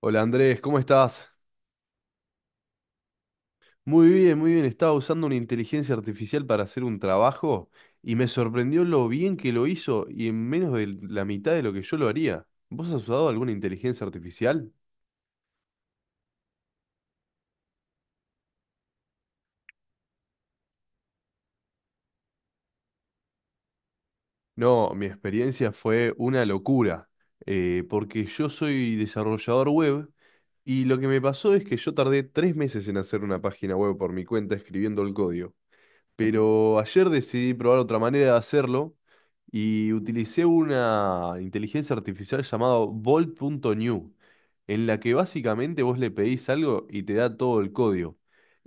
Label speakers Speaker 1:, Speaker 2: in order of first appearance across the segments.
Speaker 1: Hola Andrés, ¿cómo estás? Muy bien, muy bien. Estaba usando una inteligencia artificial para hacer un trabajo y me sorprendió lo bien que lo hizo y en menos de la mitad de lo que yo lo haría. ¿Vos has usado alguna inteligencia artificial? No, mi experiencia fue una locura, porque yo soy desarrollador web y lo que me pasó es que yo tardé 3 meses en hacer una página web por mi cuenta escribiendo el código. Pero ayer decidí probar otra manera de hacerlo y utilicé una inteligencia artificial llamada Volt punto new, en la que básicamente vos le pedís algo y te da todo el código.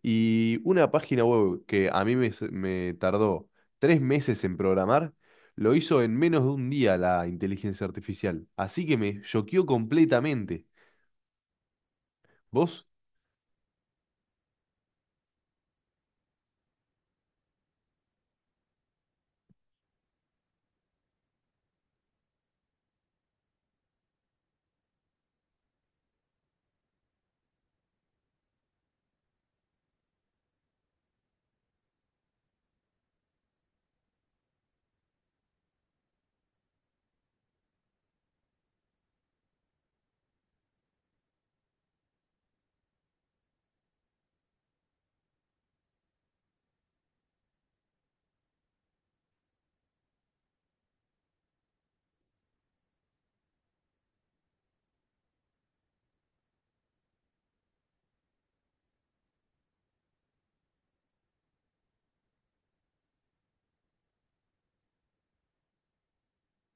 Speaker 1: Y una página web que a mí me tardó 3 meses en programar, lo hizo en menos de un día la inteligencia artificial. Así que me choqueó completamente. ¿Vos?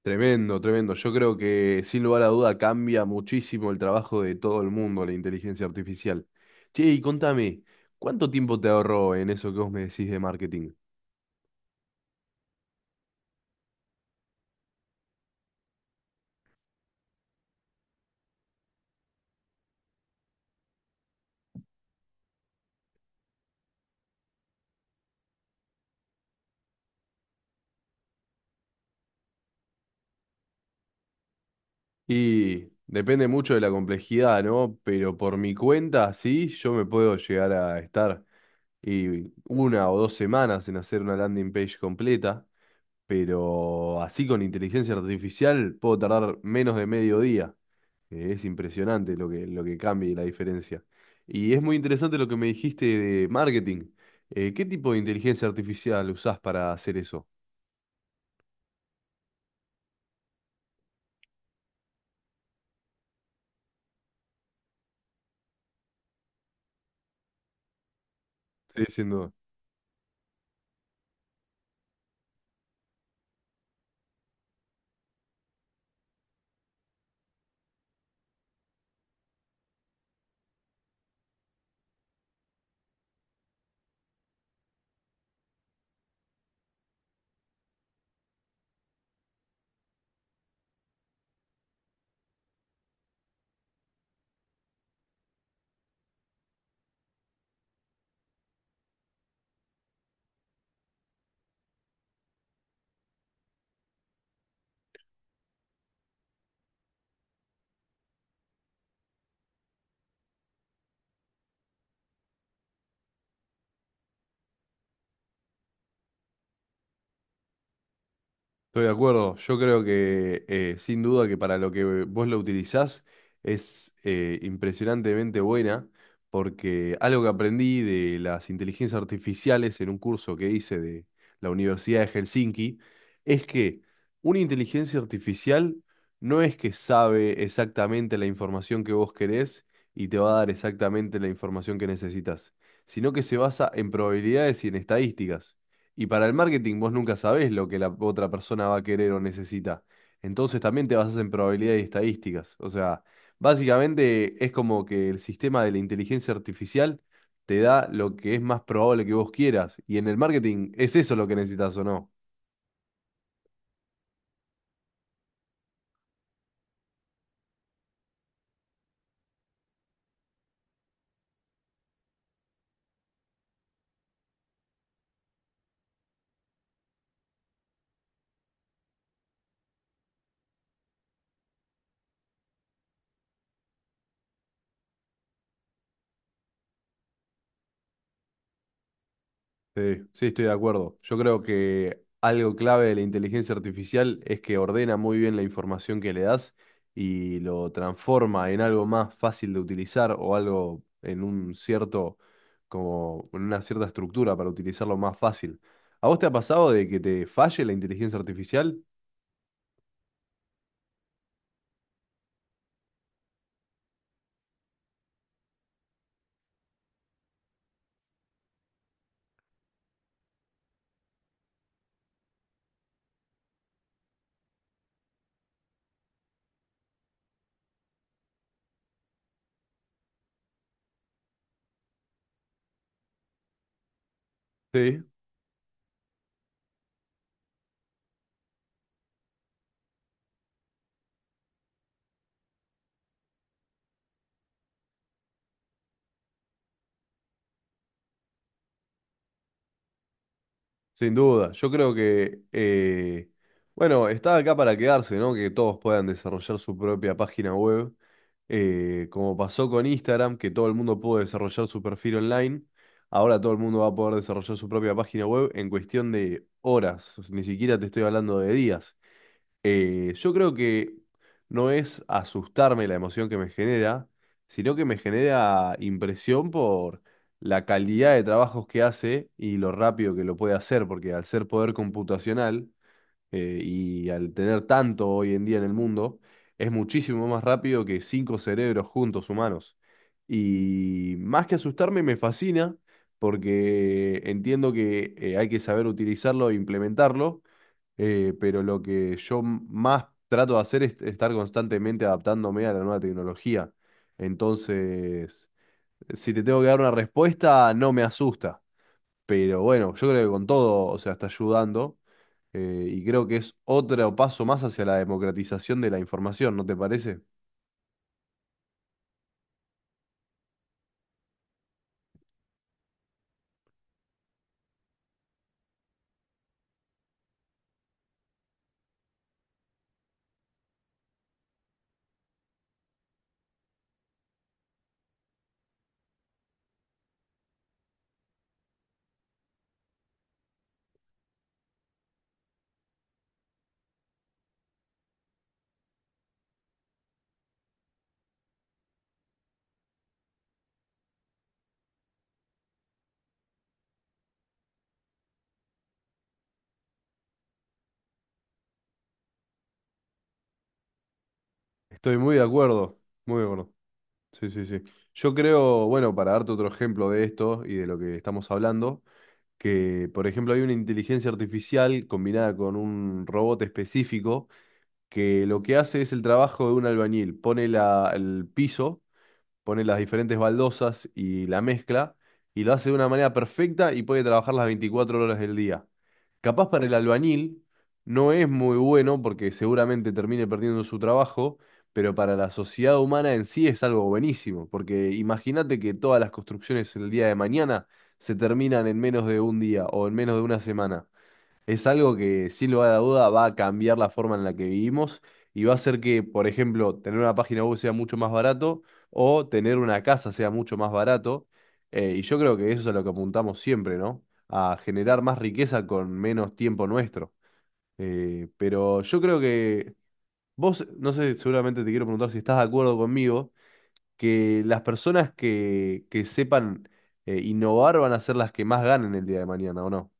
Speaker 1: Tremendo, tremendo. Yo creo que sin lugar a duda cambia muchísimo el trabajo de todo el mundo la inteligencia artificial. Che, y contame, ¿cuánto tiempo te ahorró en eso que vos me decís de marketing? Y depende mucho de la complejidad, ¿no? Pero por mi cuenta, sí, yo me puedo llegar a estar y una o dos semanas en hacer una landing page completa, pero así con inteligencia artificial puedo tardar menos de medio día. Es impresionante lo que cambia y la diferencia. Y es muy interesante lo que me dijiste de marketing. ¿Qué tipo de inteligencia artificial usás para hacer eso? Sí, siendo. Estoy de acuerdo. Yo creo que sin duda que para lo que vos lo utilizás es impresionantemente buena, porque algo que aprendí de las inteligencias artificiales en un curso que hice de la Universidad de Helsinki es que una inteligencia artificial no es que sabe exactamente la información que vos querés y te va a dar exactamente la información que necesitas, sino que se basa en probabilidades y en estadísticas. Y para el marketing vos nunca sabés lo que la otra persona va a querer o necesita. Entonces también te basas en probabilidades y estadísticas. O sea, básicamente es como que el sistema de la inteligencia artificial te da lo que es más probable que vos quieras. Y en el marketing es eso lo que necesitas o no. Sí, sí, estoy de acuerdo. Yo creo que algo clave de la inteligencia artificial es que ordena muy bien la información que le das y lo transforma en algo más fácil de utilizar o algo en un cierto, como en una cierta estructura para utilizarlo más fácil. ¿A vos te ha pasado de que te falle la inteligencia artificial? Sí. Sin duda, yo creo que, bueno, está acá para quedarse, ¿no? Que todos puedan desarrollar su propia página web, como pasó con Instagram, que todo el mundo pudo desarrollar su perfil online, ahora todo el mundo va a poder desarrollar su propia página web en cuestión de horas, ni siquiera te estoy hablando de días. Yo creo que no es asustarme la emoción que me genera, sino que me genera impresión por la calidad de trabajos que hace y lo rápido que lo puede hacer, porque al ser poder computacional y al tener tanto hoy en día en el mundo, es muchísimo más rápido que cinco cerebros juntos humanos. Y más que asustarme, me fascina porque entiendo que hay que saber utilizarlo e implementarlo, pero lo que yo más trato de hacer es estar constantemente adaptándome a la nueva tecnología. Entonces, si te tengo que dar una respuesta, no me asusta. Pero bueno, yo creo que con todo, o sea, está ayudando. Y creo que es otro paso más hacia la democratización de la información, ¿no te parece? Estoy muy de acuerdo, muy de acuerdo. Sí, sí, sí. Yo creo, bueno, para darte otro ejemplo de esto y de lo que estamos hablando, que, por ejemplo, hay una inteligencia artificial combinada con un robot específico que lo que hace es el trabajo de un albañil, pone el piso, pone las diferentes baldosas y la mezcla y lo hace de una manera perfecta y puede trabajar las 24 horas del día. Capaz para el albañil no es muy bueno porque seguramente termine perdiendo su trabajo, pero para la sociedad humana en sí es algo buenísimo, porque imagínate que todas las construcciones el día de mañana se terminan en menos de un día o en menos de una semana. Es algo que, sin lugar a duda, va a cambiar la forma en la que vivimos y va a hacer que, por ejemplo, tener una página web sea mucho más barato o tener una casa sea mucho más barato. Y yo creo que eso es a lo que apuntamos siempre, ¿no? A generar más riqueza con menos tiempo nuestro. Pero yo creo que vos, no sé, seguramente te quiero preguntar si estás de acuerdo conmigo, que las personas que sepan innovar van a ser las que más ganen el día de mañana, ¿o no?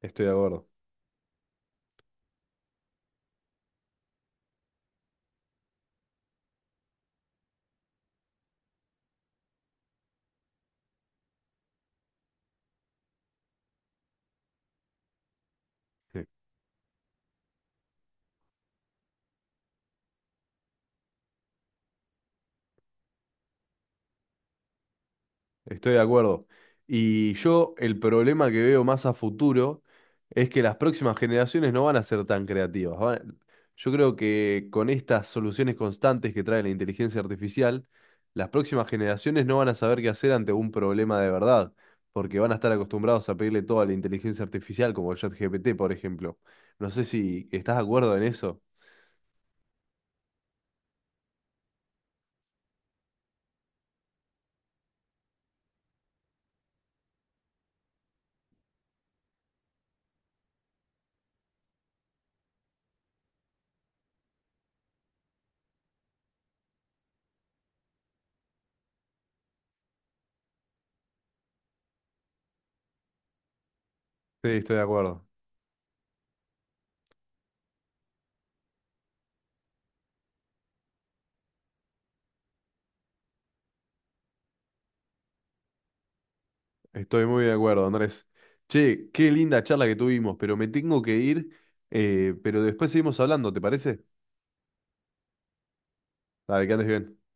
Speaker 1: Estoy de acuerdo. Estoy de acuerdo. Y yo el problema que veo más a futuro es que las próximas generaciones no van a ser tan creativas. Yo creo que con estas soluciones constantes que trae la inteligencia artificial, las próximas generaciones no van a saber qué hacer ante un problema de verdad, porque van a estar acostumbrados a pedirle todo a la inteligencia artificial, como el ChatGPT, por ejemplo. No sé si estás de acuerdo en eso. Sí, estoy de acuerdo. Estoy muy de acuerdo, Andrés. Che, qué linda charla que tuvimos, pero me tengo que ir, pero después seguimos hablando, ¿te parece? Dale, que andes bien.